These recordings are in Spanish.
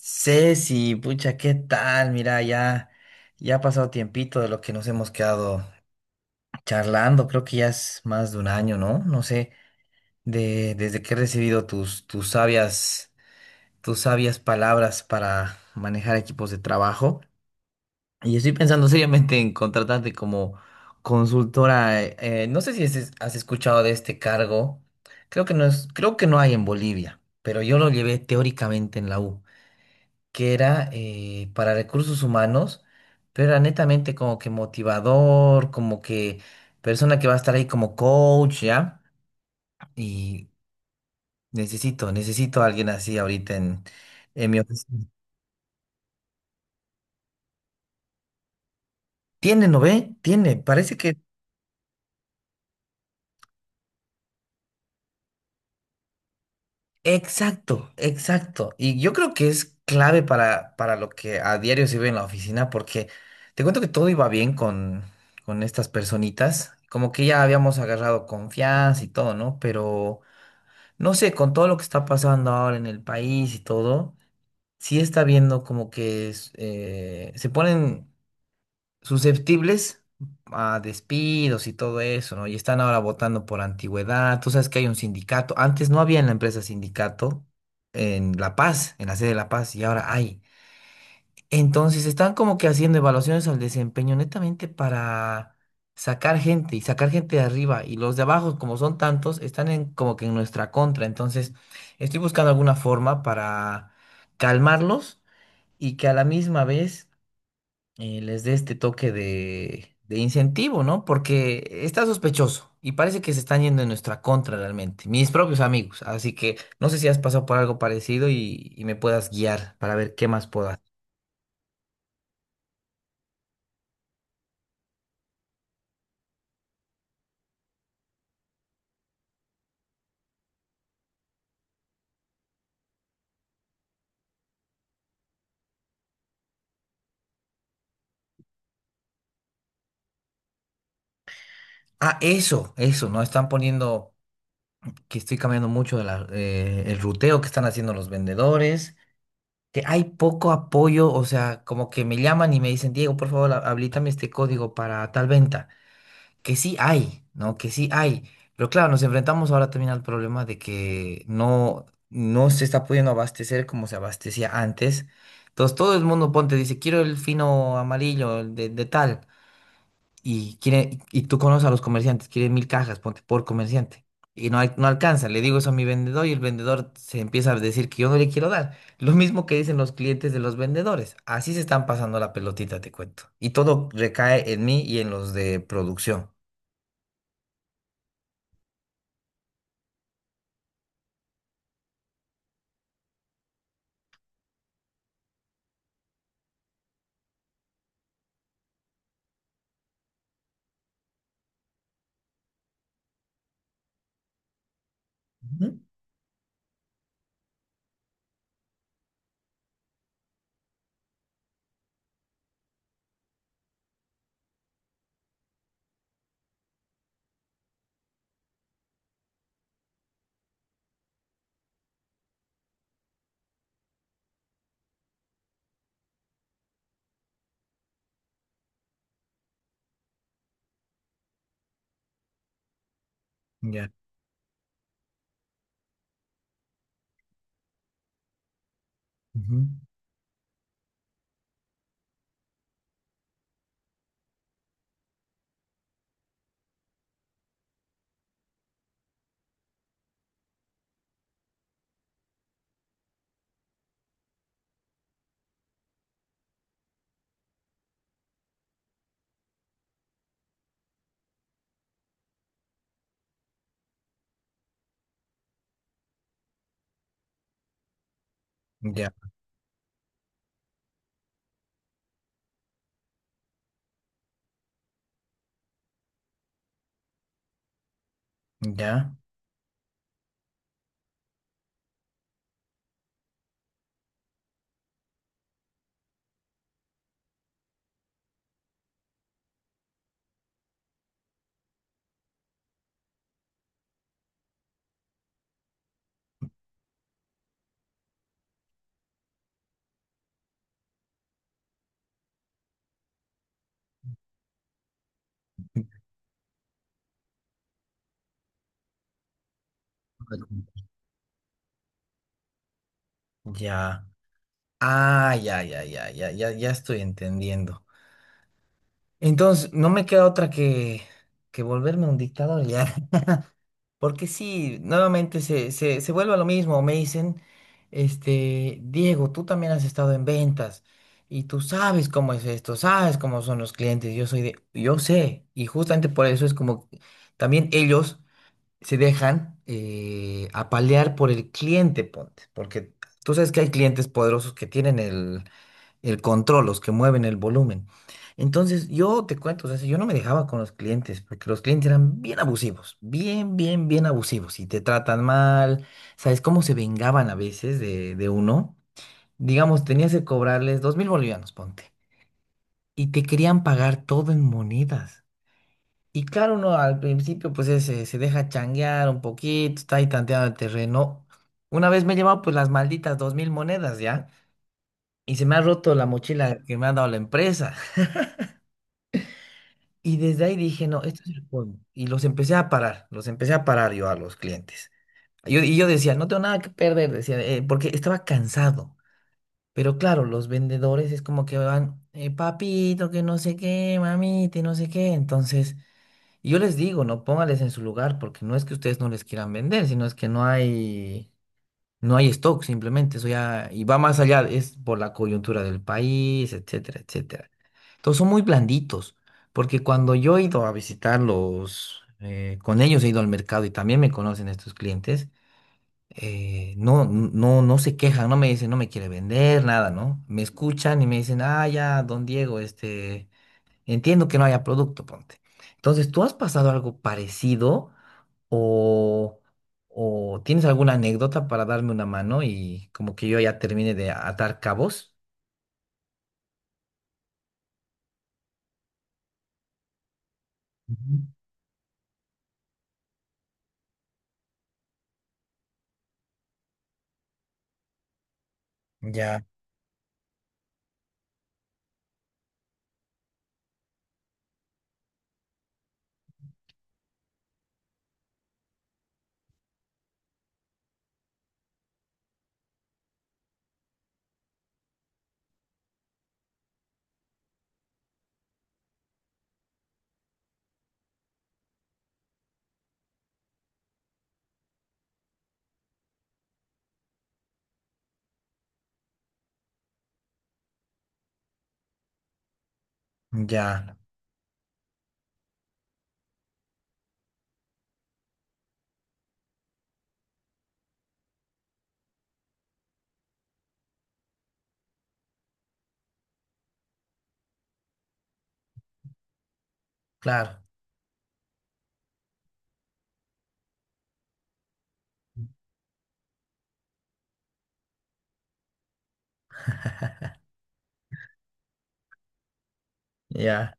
Ceci, pucha, ¿qué tal? Mira, ya, ya ha pasado tiempito de lo que nos hemos quedado charlando. Creo que ya es más de un año, ¿no? No sé, desde que he recibido tus sabias palabras para manejar equipos de trabajo. Y estoy pensando seriamente en contratarte como consultora. No sé si has escuchado de este cargo. Creo que no hay en Bolivia, pero yo lo llevé teóricamente en la U. Que era para recursos humanos, pero era netamente como que motivador, como que persona que va a estar ahí como coach, ¿ya? Y necesito a alguien así ahorita en mi oficina. Tiene, ¿no ve? Tiene, parece que... Exacto, exacto. Y yo creo que es clave para lo que a diario se ve en la oficina, porque te cuento que todo iba bien con estas personitas, como que ya habíamos agarrado confianza y todo, ¿no? Pero... No sé, con todo lo que está pasando ahora en el país y todo, sí está viendo como que es, se ponen susceptibles a despidos y todo eso, ¿no? Y están ahora votando por antigüedad. Tú sabes que hay un sindicato. Antes no había en la empresa sindicato en La Paz, en la sede de La Paz, y ahora hay. Entonces están como que haciendo evaluaciones al desempeño netamente para sacar gente y sacar gente de arriba y los de abajo, como son tantos, están en, como que en nuestra contra. Entonces estoy buscando alguna forma para calmarlos y que a la misma vez les dé este toque de incentivo, ¿no? Porque está sospechoso y parece que se están yendo en nuestra contra realmente, mis propios amigos. Así que no sé si has pasado por algo parecido y me puedas guiar para ver qué más puedo hacer. Ah, eso, ¿no? Están poniendo que estoy cambiando mucho de el ruteo que están haciendo los vendedores, que hay poco apoyo, o sea, como que me llaman y me dicen, Diego, por favor, habilítame este código para tal venta, que sí hay, ¿no? Que sí hay. Pero claro, nos enfrentamos ahora también al problema de que no se está pudiendo abastecer como se abastecía antes. Entonces todo el mundo ponte, dice, quiero el fino amarillo, el de tal y quiere, y tú conoces a los comerciantes, quiere 1.000 cajas, ponte por comerciante. Y no, no alcanza, le digo eso a mi vendedor y el vendedor se empieza a decir que yo no le quiero dar. Lo mismo que dicen los clientes de los vendedores. Así se están pasando la pelotita, te cuento. Y todo recae en mí y en los de producción. Ujú. Ya, ujú, ya, ya, ya. Ah, ya, ya, ya, ya, ya, ya estoy entendiendo. Entonces, no me queda otra que volverme un dictador ya. Porque sí, nuevamente se vuelve a lo mismo. Me dicen, este, Diego, tú también has estado en ventas y tú sabes cómo es esto, sabes cómo son los clientes. Yo soy de, yo sé, y justamente por eso es como también ellos se dejan apalear por el cliente, ponte, porque tú sabes que hay clientes poderosos que tienen el control, los que mueven el volumen. Entonces, yo te cuento, o sea, si yo no me dejaba con los clientes, porque los clientes eran bien abusivos, bien, bien, bien abusivos, y te tratan mal, ¿sabes cómo se vengaban a veces de uno? Digamos, tenías que cobrarles 2.000 bolivianos, ponte, y te querían pagar todo en monedas. Y claro, uno al principio, pues se deja changuear un poquito, está ahí tanteando el terreno. Una vez me he llevado, pues, las malditas 2.000 monedas, ¿ya? Y se me ha roto la mochila que me ha dado la empresa. Y desde ahí dije, no, esto es el colmo. Y los empecé a parar, los empecé a parar yo a los clientes. Yo decía, no tengo nada que perder, decía, porque estaba cansado. Pero claro, los vendedores es como que van, papito, que no sé qué, mamita, y no sé qué. Entonces, y yo les digo, no, póngales en su lugar, porque no es que ustedes no les quieran vender, sino es que no hay stock, simplemente eso ya, y va más allá, es por la coyuntura del país, etcétera, etcétera. Entonces son muy blanditos, porque cuando yo he ido a visitarlos, con ellos he ido al mercado y también me conocen estos clientes, no se quejan, no me dicen, no me quiere vender, nada, ¿no? Me escuchan y me dicen, ah, ya, don Diego, este, entiendo que no haya producto, ponte. Entonces, ¿tú has pasado algo parecido? O, o tienes alguna anécdota para darme una mano y como que yo ya termine de atar cabos. Ujú. Ya. Ya, claro, ya,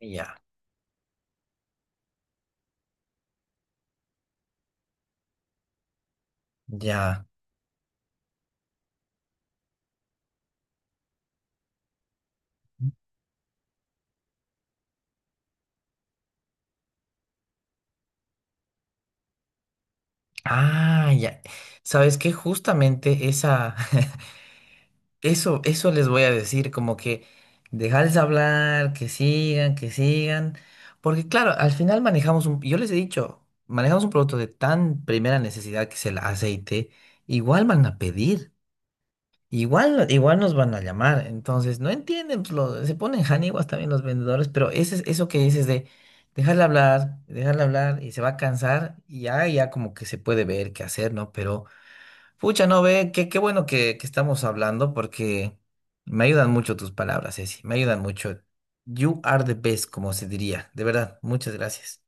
ya, ya. Ah, ya. ¿Sabes qué? Justamente esa, eso les voy a decir, como que dejarles hablar, que sigan, porque claro, al final manejamos un, yo les he dicho, manejamos un producto de tan primera necesidad que es el aceite, igual van a pedir. Igual, igual nos van a llamar, entonces no entienden, pues, se ponen janiguas también los vendedores, pero eso que dices de dejarle hablar y se va a cansar y ya, ya como que se puede ver qué hacer, ¿no? Pero, pucha, no ve, qué, qué bueno que estamos hablando porque me ayudan mucho tus palabras, Ceci, me ayudan mucho. You are the best, como se diría, de verdad, muchas gracias.